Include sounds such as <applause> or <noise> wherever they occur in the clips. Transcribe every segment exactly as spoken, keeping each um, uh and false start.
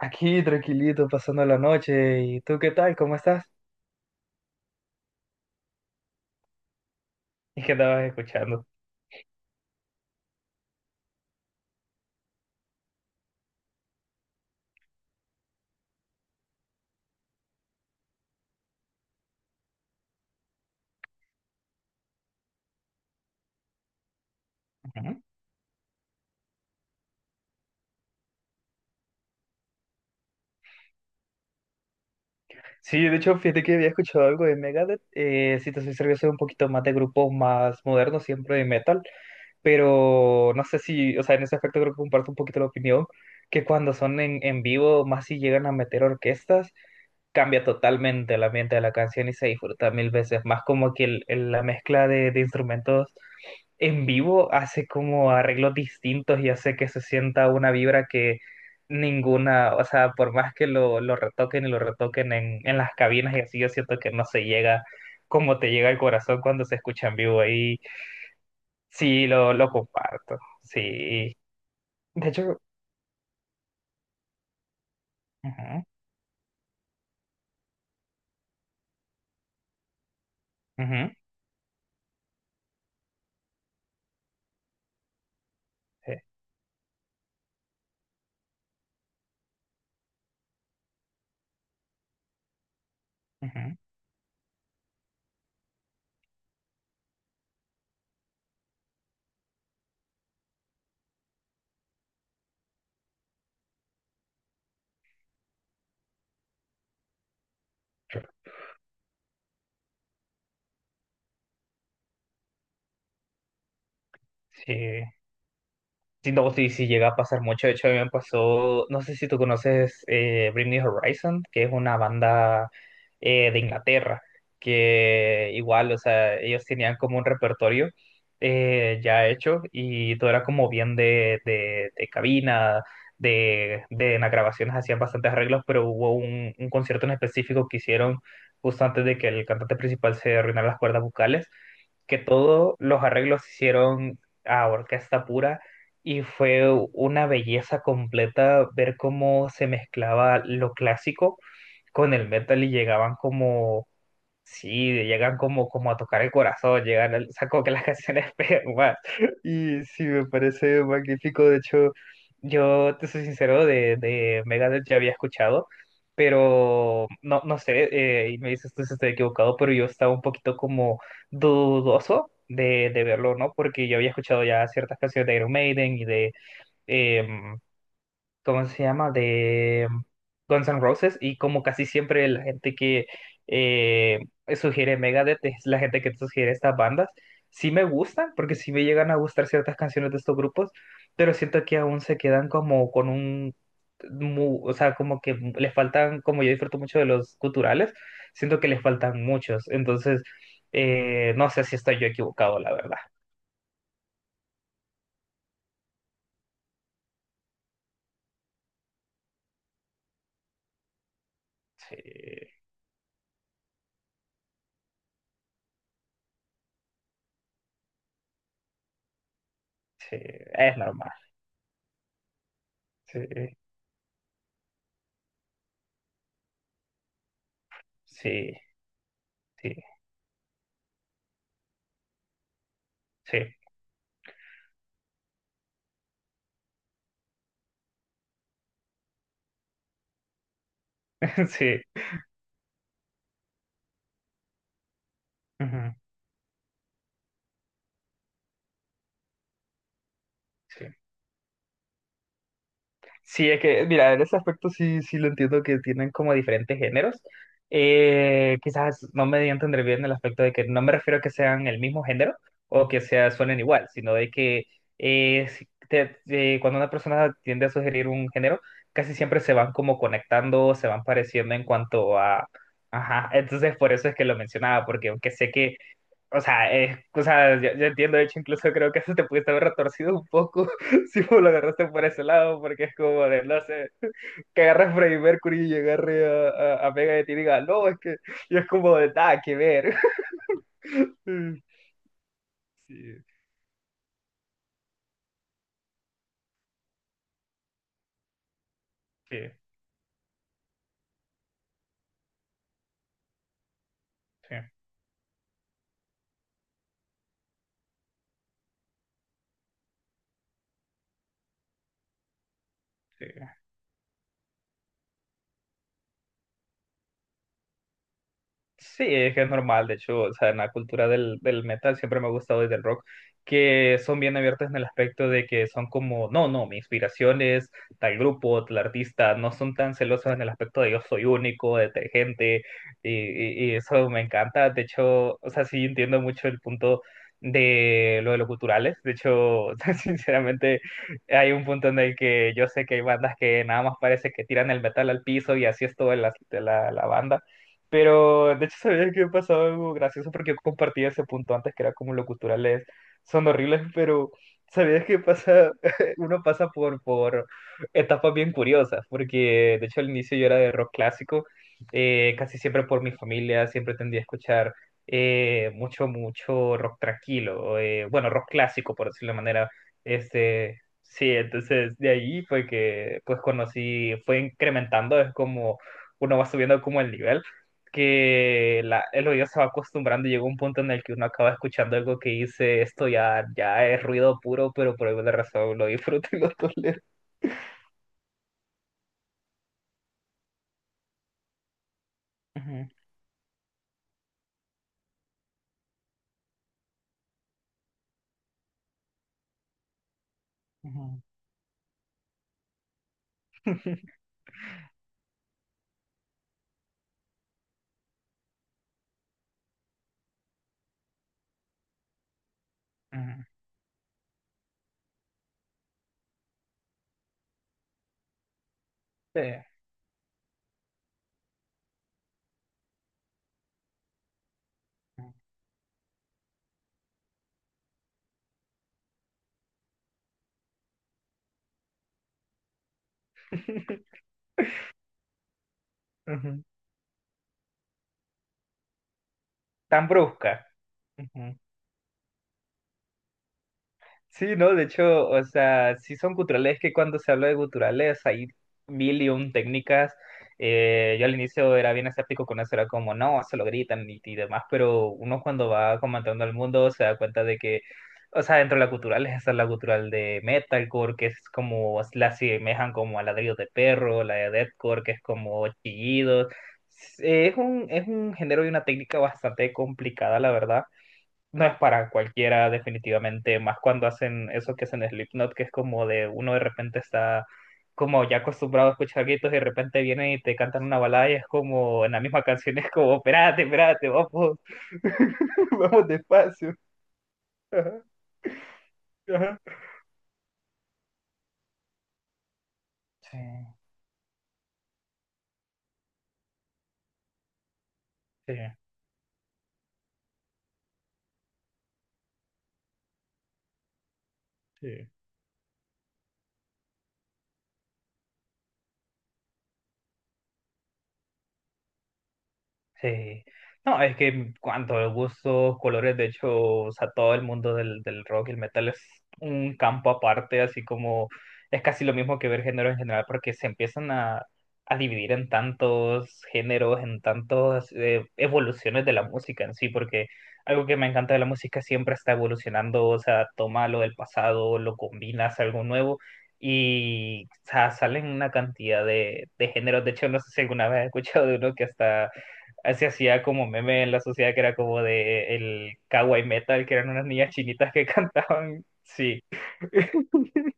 Aquí tranquilito, pasando la noche. ¿Y tú qué tal? ¿Cómo estás? ¿Y qué estabas escuchando? Ujú. Sí, de hecho, fíjate que había escuchado algo de Megadeth. Eh, si te soy serio, soy un poquito más de grupos más modernos, siempre de metal. Pero no sé si, o sea, en ese aspecto creo que comparto un poquito la opinión, que cuando son en, en vivo, más si llegan a meter orquestas, cambia totalmente el ambiente de la canción y se disfruta mil veces más, como que el- el- la mezcla de, de instrumentos en vivo hace como arreglos distintos y hace que se sienta una vibra que ninguna, o sea, por más que lo, lo retoquen y lo retoquen en, en las cabinas y así, yo siento que no se llega como te llega al corazón cuando se escucha en vivo. Y sí, lo, lo comparto, sí. De hecho, ujú, ujú, sí, ujú, sí. Sí, no, sí, sí llega a pasar mucho. De hecho, a mí me pasó, no sé si tú conoces, eh, Bring Me Horizon, que es una banda eh, de Inglaterra, que igual, o sea, ellos tenían como un repertorio eh, ya hecho, y todo era como bien de, de, de cabina, de, de en las grabaciones hacían bastantes arreglos, pero hubo un, un concierto en específico que hicieron justo antes de que el cantante principal se arruinara las cuerdas vocales, que todos los arreglos se hicieron a orquesta pura, y fue una belleza completa ver cómo se mezclaba lo clásico con el metal, y llegaban como... Sí, llegan como, como a tocar el corazón, llegan, al- saco que las canciones <laughs> pegan más. Y sí, me parece magnífico. De hecho, yo te soy sincero, de, de Megadeth ya había escuchado, pero no, no sé, eh, y me dices tú si estoy equivocado, pero yo estaba un poquito como dudoso de, de verlo, ¿no? Porque yo había escuchado ya ciertas canciones de Iron Maiden y de em, ¿cómo se llama? De Guns N' Roses. Y como casi siempre la gente que eh, sugiere Megadeth es la gente que sugiere estas bandas. Sí me gustan, porque sí me llegan a gustar ciertas canciones de estos grupos, pero siento que aún se quedan como con un... mu- O sea, como que les faltan, como yo disfruto mucho de los culturales, siento que les faltan muchos. Entonces, eh, no sé si estoy yo equivocado, la verdad. Sí, sí, es normal. Sí, sí, sí, sí. <laughs> Sí. Ujú, sí. Sí, es que, mira, en ese aspecto sí, sí lo entiendo, que tienen como diferentes géneros. Eh, quizás no me di a entender bien. El aspecto de que no me refiero a que sean el mismo género o que sea, suenen igual, sino de que eh, si te- eh, cuando una persona tiende a sugerir un género, casi siempre se van como conectando, se van pareciendo en cuanto a... Ajá, entonces por eso es que lo mencionaba, porque aunque sé que... O sea, eh, o sea, yo, yo entiendo, de hecho, incluso creo que eso te pudiste haber retorcido un poco <laughs> si vos lo agarraste por ese lado, porque es como de, no sé, que agarre a Freddie Mercury y agarre a, a, a Megadeth y diga, no, es que, y es como de, nada que ver. <laughs> Sí, sí, sí, sí. Sí, es que es normal, de hecho, o sea, en la cultura del, del metal siempre me ha gustado desde el rock, que son bien abiertos en el aspecto de que son como, no, no, mi inspiración es tal grupo, tal artista, no son tan celosos en el aspecto de yo soy único, detergente, y, y, y eso me encanta, de hecho, o sea, sí entiendo mucho el punto de lo de los culturales, de hecho, <laughs> o sea, sinceramente, hay un punto en el que yo sé que hay bandas que nada más parece que tiran el metal al piso y así es todo la, la la banda. Pero de hecho, sabía que pasaba algo gracioso porque yo compartía ese punto antes, que era como lo culturales son horribles, pero sabías que pasa, <laughs> uno pasa por, por etapas bien curiosas, porque de hecho al inicio yo era de rock clásico, eh, casi siempre por mi familia, siempre tendía a escuchar eh, mucho, mucho rock tranquilo, eh, bueno, rock clásico por decirlo de manera, este, sí, entonces de ahí fue que pues conocí, fue incrementando, es como uno va subiendo como el nivel, que la, el oído se va acostumbrando, y llega un punto en el que uno acaba escuchando algo que dice, esto ya, ya es ruido puro, pero por alguna razón lo disfruto y lo tolero. Ujú, ujú, <laughs> ujú, sí, ujú, <laughs> ujú. Tan brusca. Ujú. Sí, no, de hecho, o sea, sí son guturales. Es que cuando se habla de guturales hay mil y un técnicas. Eh, yo al inicio era bien escéptico con eso, era como, no, se lo gritan y, y demás, pero uno cuando va comentando al mundo se da cuenta de que, o sea, dentro de la gutural, esa es la gutural de metalcore, que es como, la asemejan como a ladrillos de perro, la de deathcore, que es como chillidos. Eh, es un, es un género y una técnica bastante complicada, la verdad, no es para cualquiera, definitivamente, más cuando hacen eso que hacen Slipknot, que es como de uno de repente está como ya acostumbrado a escuchar gritos y de repente vienen y te cantan una balada y es como en la misma canción es como, espérate, espérate, vamos, <laughs> vamos despacio. Ajá, ajá. Sí, sí, sí. Sí. No, es que en cuanto a gustos, colores, de hecho, o sea, todo el mundo del, del rock y el metal es un campo aparte, así como es casi lo mismo que ver género en general, porque se empiezan a, a dividir en tantos géneros, en tantas eh, evoluciones de la música en sí, porque algo que me encanta de la música, siempre está evolucionando, o sea, toma lo del pasado, lo combina, hace algo nuevo. Y o sea, salen una cantidad de, de géneros. De hecho, no sé si alguna vez has escuchado de uno que hasta se hacía como meme en la sociedad, que era como de el kawaii metal, que eran unas niñas chinitas que <laughs> cantaban. Sí. <laughs>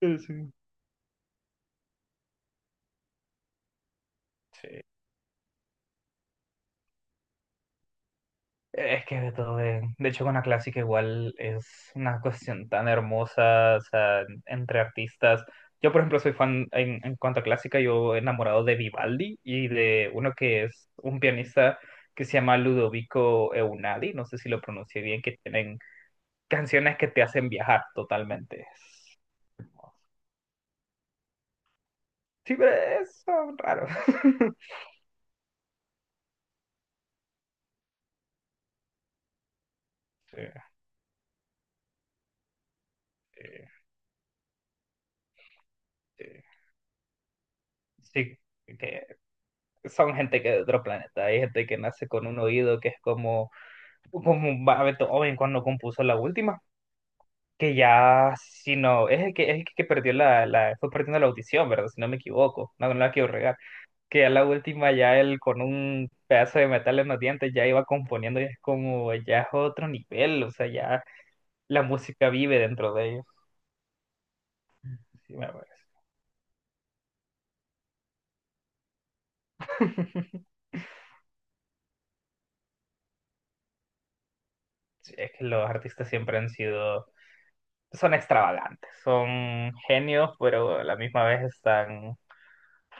Sí. Sí. Es que de todo, de, de hecho con la clásica igual es una cuestión tan hermosa, o sea, en- entre artistas. Yo, por ejemplo, soy fan en, en cuanto a clásica, yo enamorado de Vivaldi y de uno que es un pianista que se llama Ludovico Eunadi, no sé si lo pronuncié bien, que tienen canciones que te hacen viajar totalmente. Sí, pero es son raros. <laughs> Eh, eh, Eh, <laughs> Sí, que son gente que de otro planeta. Hay gente que nace con un oído que es como, como un ba- Beethoven cuando compuso la última. Que ya, si no, es el que, es el que perdió la, la, fue perdiendo la audición, ¿verdad? Si no me equivoco, no, no la quiero regar. Que ya la última, ya él con un pedazo de metal en los dientes ya iba componiendo, y es como, ya es otro nivel, o sea, ya la música vive dentro de ellos. Sí, me parece. <laughs> Sí, es que los artistas siempre han sido, son extravagantes, son genios, pero a la misma vez están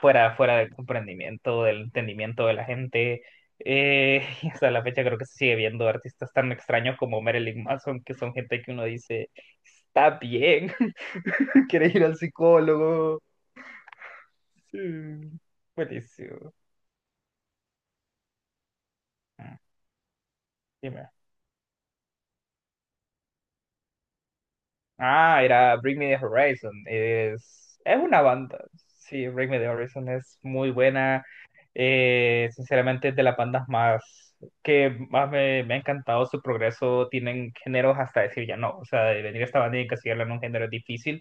fuera, fuera del comprendimiento, del entendimiento de la gente. Eh, <laughs> y hasta la fecha creo que se sigue viendo artistas tan extraños como Marilyn Manson, que son gente que uno dice, está bien, <laughs> quiere ir al psicólogo. Sí, buenísimo. Mm, Dime. Ah, era Bring Me the Horizon. Es, es una banda. Sí, Bring Me the Horizon es muy buena. Eh, sinceramente, es de las bandas más que más me, me ha encantado su progreso. Tienen géneros hasta decir ya no. O sea, de venir a esta banda y encasillarla en un género es difícil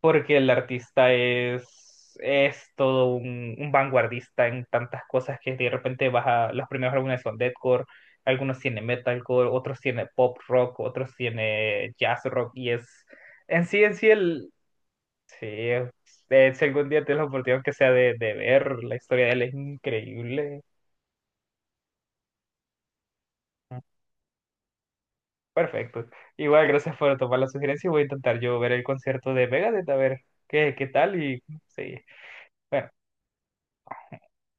porque el artista es, es todo un, un vanguardista en tantas cosas que de repente vas a, los primeros álbumes son deathcore, algunos tiene metalcore, otros tiene pop rock, otros tiene jazz rock, y es, en sí, en sí, el, sí, es- eh, si algún día tienes la oportunidad que sea de, de ver la historia de él, es increíble. Perfecto. Igual, gracias por tomar la sugerencia y voy a intentar yo ver el concierto de Megadeth a ver qué, qué tal y sí. Bueno,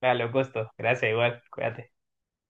dale, un gusto. Gracias, igual. Cuídate.